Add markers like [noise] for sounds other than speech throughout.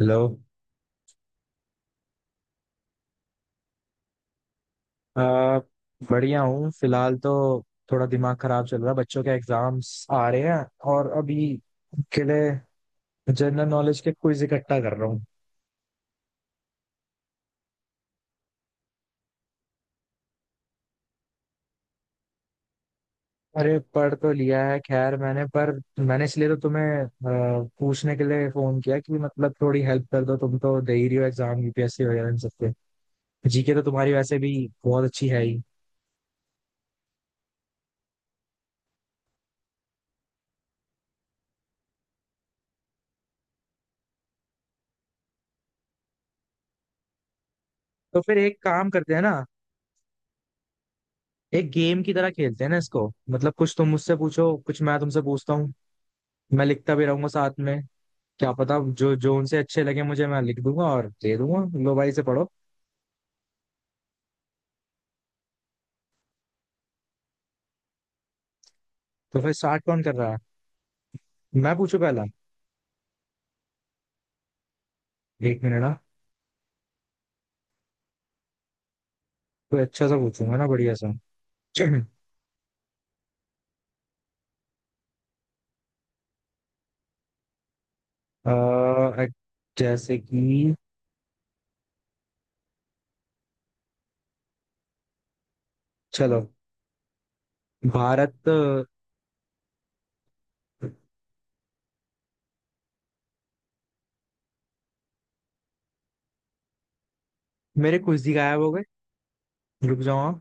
Hello. आ, बढ़िया हूँ फिलहाल तो थोड़ा दिमाग खराब चल रहा है, बच्चों के एग्जाम्स आ रहे हैं और अभी के लिए जनरल नॉलेज के क्विज इकट्ठा कर रहा हूँ। अरे पढ़ तो लिया है खैर मैंने, पर मैंने इसलिए तो तुम्हें पूछने के लिए फोन किया कि मतलब थोड़ी हेल्प कर दो। तुम तो दे ही रही हो एग्जाम यूपीएससी वगैरह, इन सबके जीके तो तुम्हारी वैसे भी बहुत अच्छी है ही। तो फिर एक काम करते हैं ना, एक गेम की तरह खेलते हैं ना इसको। मतलब कुछ तुम मुझसे पूछो, कुछ मैं तुमसे पूछता हूँ। मैं लिखता भी रहूंगा साथ में। क्या पता जो जो उनसे अच्छे लगे मुझे, मैं लिख दूंगा और दे दूंगा, लो भाई से पढ़ो। तो फिर स्टार्ट कौन कर रहा है? मैं पूछू पहला? एक मिनट ना, कोई अच्छा सा पूछूंगा ना, बढ़िया सा। [clears throat] अ, जैसे कि चलो, भारत। मेरे कुछ ही गायब हो गए, रुक जाओ आप।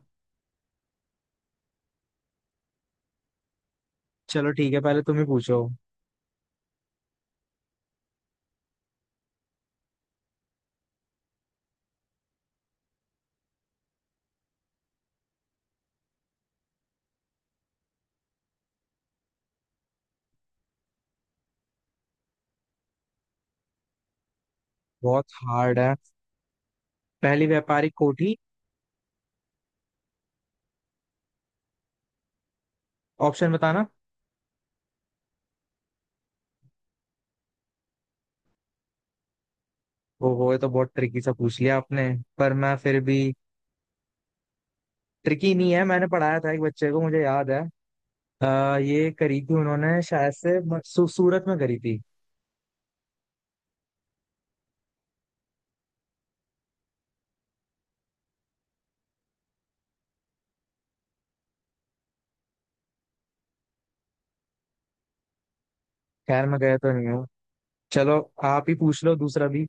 चलो ठीक है, पहले तुम ही पूछो। बहुत हार्ड है पहली व्यापारिक कोठी, ऑप्शन बताना। ओहो ये तो बहुत ट्रिकी सा पूछ लिया आपने, पर मैं फिर भी। ट्रिकी नहीं है, मैंने पढ़ाया था एक बच्चे को, मुझे याद है। ये करी थी उन्होंने शायद से सूरत में करी थी। खैर मैं गया तो नहीं हूँ। चलो आप ही पूछ लो दूसरा भी।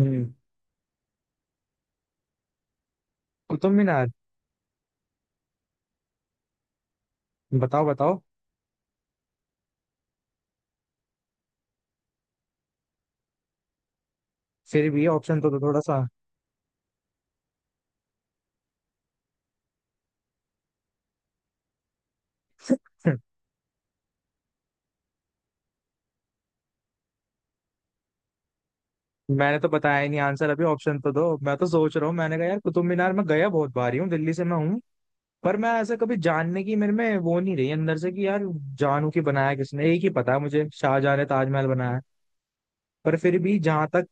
हम्म। कुतुब मीनार? बताओ बताओ। फिर भी ऑप्शन तो दो थोड़ा सा। [laughs] मैंने तो बताया ही नहीं आंसर अभी, ऑप्शन तो दो। मैं तो सोच रहा हूँ, मैंने कहा यार कुतुब मीनार मैं गया बहुत बार ही हूँ, दिल्ली से मैं हूँ। पर मैं ऐसा कभी जानने की मेरे में वो नहीं रही अंदर से कि यार जानू की बनाया किसने। एक ही पता है मुझे, शाहजहां ने ताजमहल बनाया है। पर फिर भी जहां तक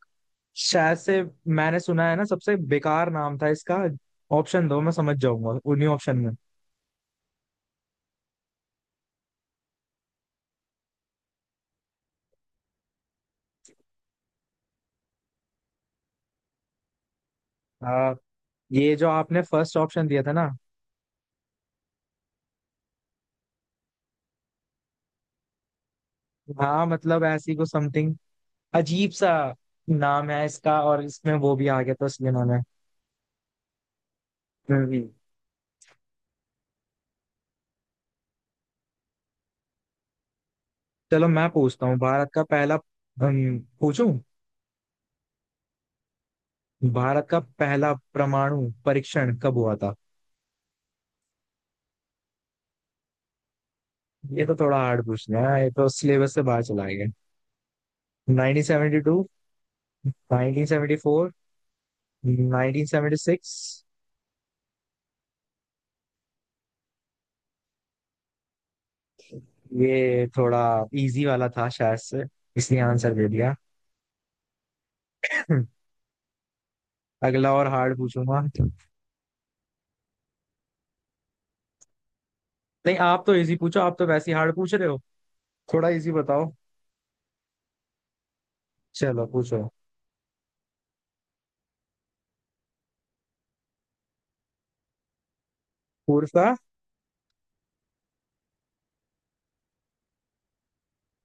शायद से मैंने सुना है ना, सबसे बेकार नाम था इसका। ऑप्शन दो मैं समझ जाऊंगा उन्हीं ऑप्शन में। हाँ, ये जो आपने फर्स्ट ऑप्शन दिया था ना। हाँ मतलब ऐसी को समथिंग अजीब सा नाम है इसका, और इसमें वो भी आ गया था, इसलिए मैंने। हम्म। चलो मैं पूछता हूँ, भारत का पहला पूछूं? भारत का पहला परमाणु परीक्षण कब हुआ था? ये तो थोड़ा हार्ड पूछना है, ये तो सिलेबस से बाहर चला गया। 1972, 1974, 1976? ये थोड़ा इजी वाला था शायद से, इसलिए आंसर दे दिया। [clears throat] [laughs] अगला और हार्ड पूछूंगा। नहीं आप तो इजी पूछो, आप तो वैसे ही हार्ड पूछ रहे हो, थोड़ा इजी बताओ। चलो पूछो। पूर्वा।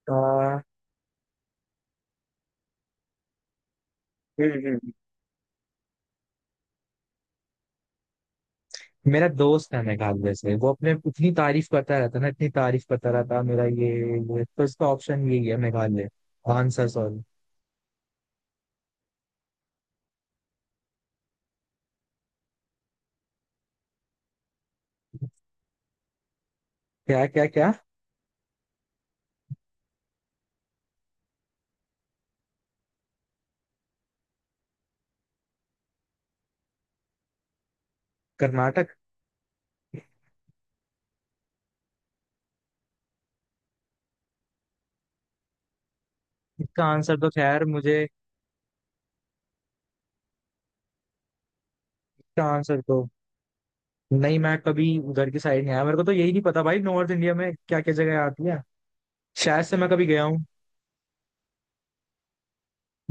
हम्म। हम्म। हम्म। मेरा दोस्त है मेघालय से, वो अपने इतनी तारीफ करता रहता ना, इतनी तारीफ करता रहता मेरा ये। ये तो इसका ऑप्शन यही है, मेघालय। Answer sorry. क्या क्या क्या? कर्नाटक। इसका आंसर तो खैर मुझे, इसका आंसर तो नहीं। मैं कभी उधर की साइड नहीं आया, मेरे को तो यही नहीं पता भाई नॉर्थ इंडिया में क्या क्या जगह आती है। शायद से मैं कभी गया हूँ।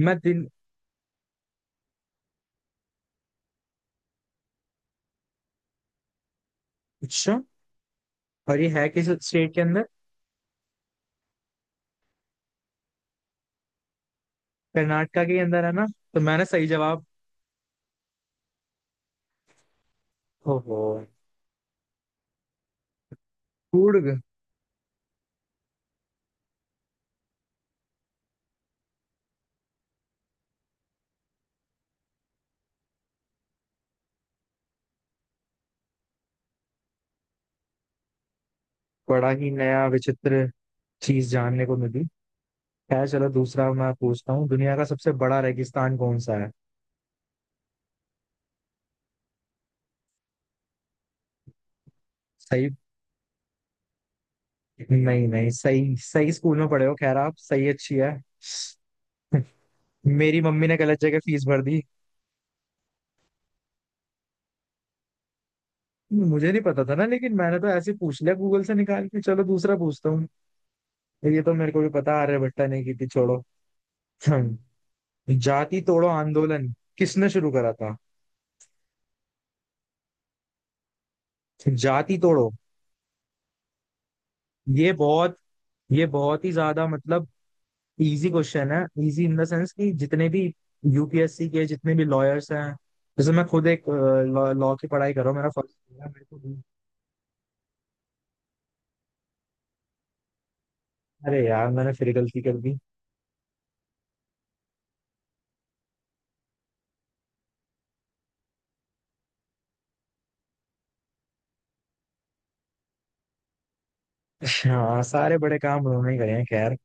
मैं दिन। अच्छा, और ये है किस स्टेट के अंदर? कर्नाटका के अंदर है ना, तो मैंने सही जवाब। ओहो। कूर्ग। बड़ा ही नया विचित्र चीज जानने को मिली। खैर चलो दूसरा मैं पूछता हूँ, दुनिया का सबसे बड़ा रेगिस्तान कौन सा है? सही। नहीं नहीं सही सही, स्कूल में पढ़े हो, खैर आप सही अच्छी है। [laughs] मेरी मम्मी ने गलत जगह फीस भर दी। मुझे नहीं पता था ना, लेकिन मैंने तो ऐसे ही पूछ लिया गूगल से निकाल के। चलो दूसरा पूछता हूँ। ये तो मेरे को भी पता, आर्यभट्टा ने की थी, छोड़ो। हम्म, जाति तोड़ो आंदोलन किसने शुरू करा था? जाति तोड़ो। ये बहुत, ये बहुत ही ज्यादा मतलब इजी क्वेश्चन है। इजी इन द सेंस कि जितने भी यूपीएससी के, जितने भी लॉयर्स हैं, जैसे मैं खुद एक लॉ की पढ़ाई कर रहा हूँ, मेरा फर्स्ट है, मेरे को भी- अरे यार मैंने फिर गलती कर दी। हाँ सारे बड़े काम उन्होंने ही करे हैं खैर।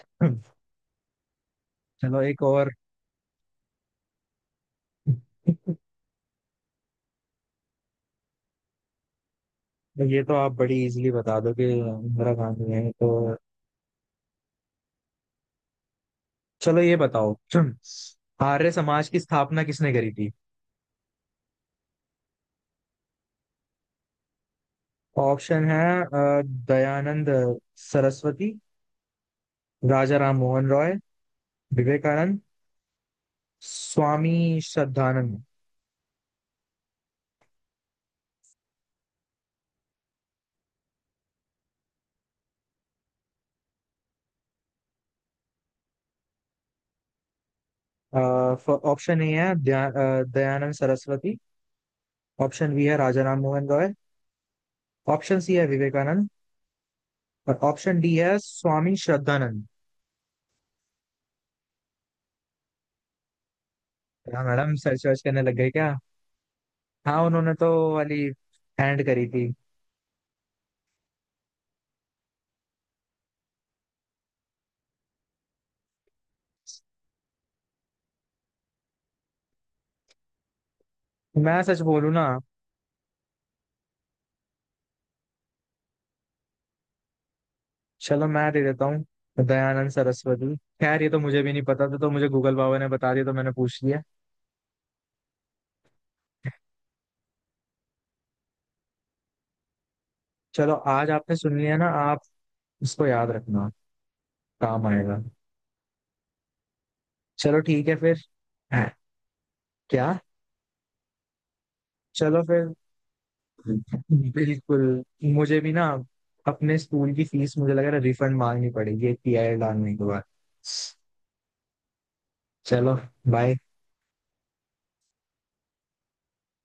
[laughs] चलो एक और। [laughs] तो ये तो आप बड़ी इजीली बता दो कि इंदिरा गांधी है तो। चलो ये बताओ। [clears throat] आर्य समाज की स्थापना किसने करी थी? ऑप्शन है दयानंद सरस्वती, राजा राम मोहन रॉय, विवेकानंद, स्वामी श्रद्धानंद। ऑप्शन ए है दयानंद सरस्वती। ऑप्शन बी है राजा राम मोहन रॉय। ऑप्शन सी है विवेकानंद। और ऑप्शन डी है स्वामी श्रद्धानंद। हाँ मैडम सर्च वर्च करने लग गए क्या? हाँ उन्होंने तो वाली हैंड करी थी। मैं सच बोलूं ना, चलो मैं दे देता हूँ दयानंद सरस्वती। खैर ये तो मुझे भी नहीं पता था, तो मुझे गूगल बाबा ने बता दिया तो मैंने पूछ लिया। चलो आज आपने सुन लिया ना आप, इसको याद रखना, काम आएगा। चलो ठीक है फिर। हैं? क्या? चलो फिर। बिल्कुल। मुझे भी ना अपने स्कूल की फीस मुझे लग रहा है रिफंड मांगनी पड़ेगी एक पीआई डालने के बाद। चलो बाय।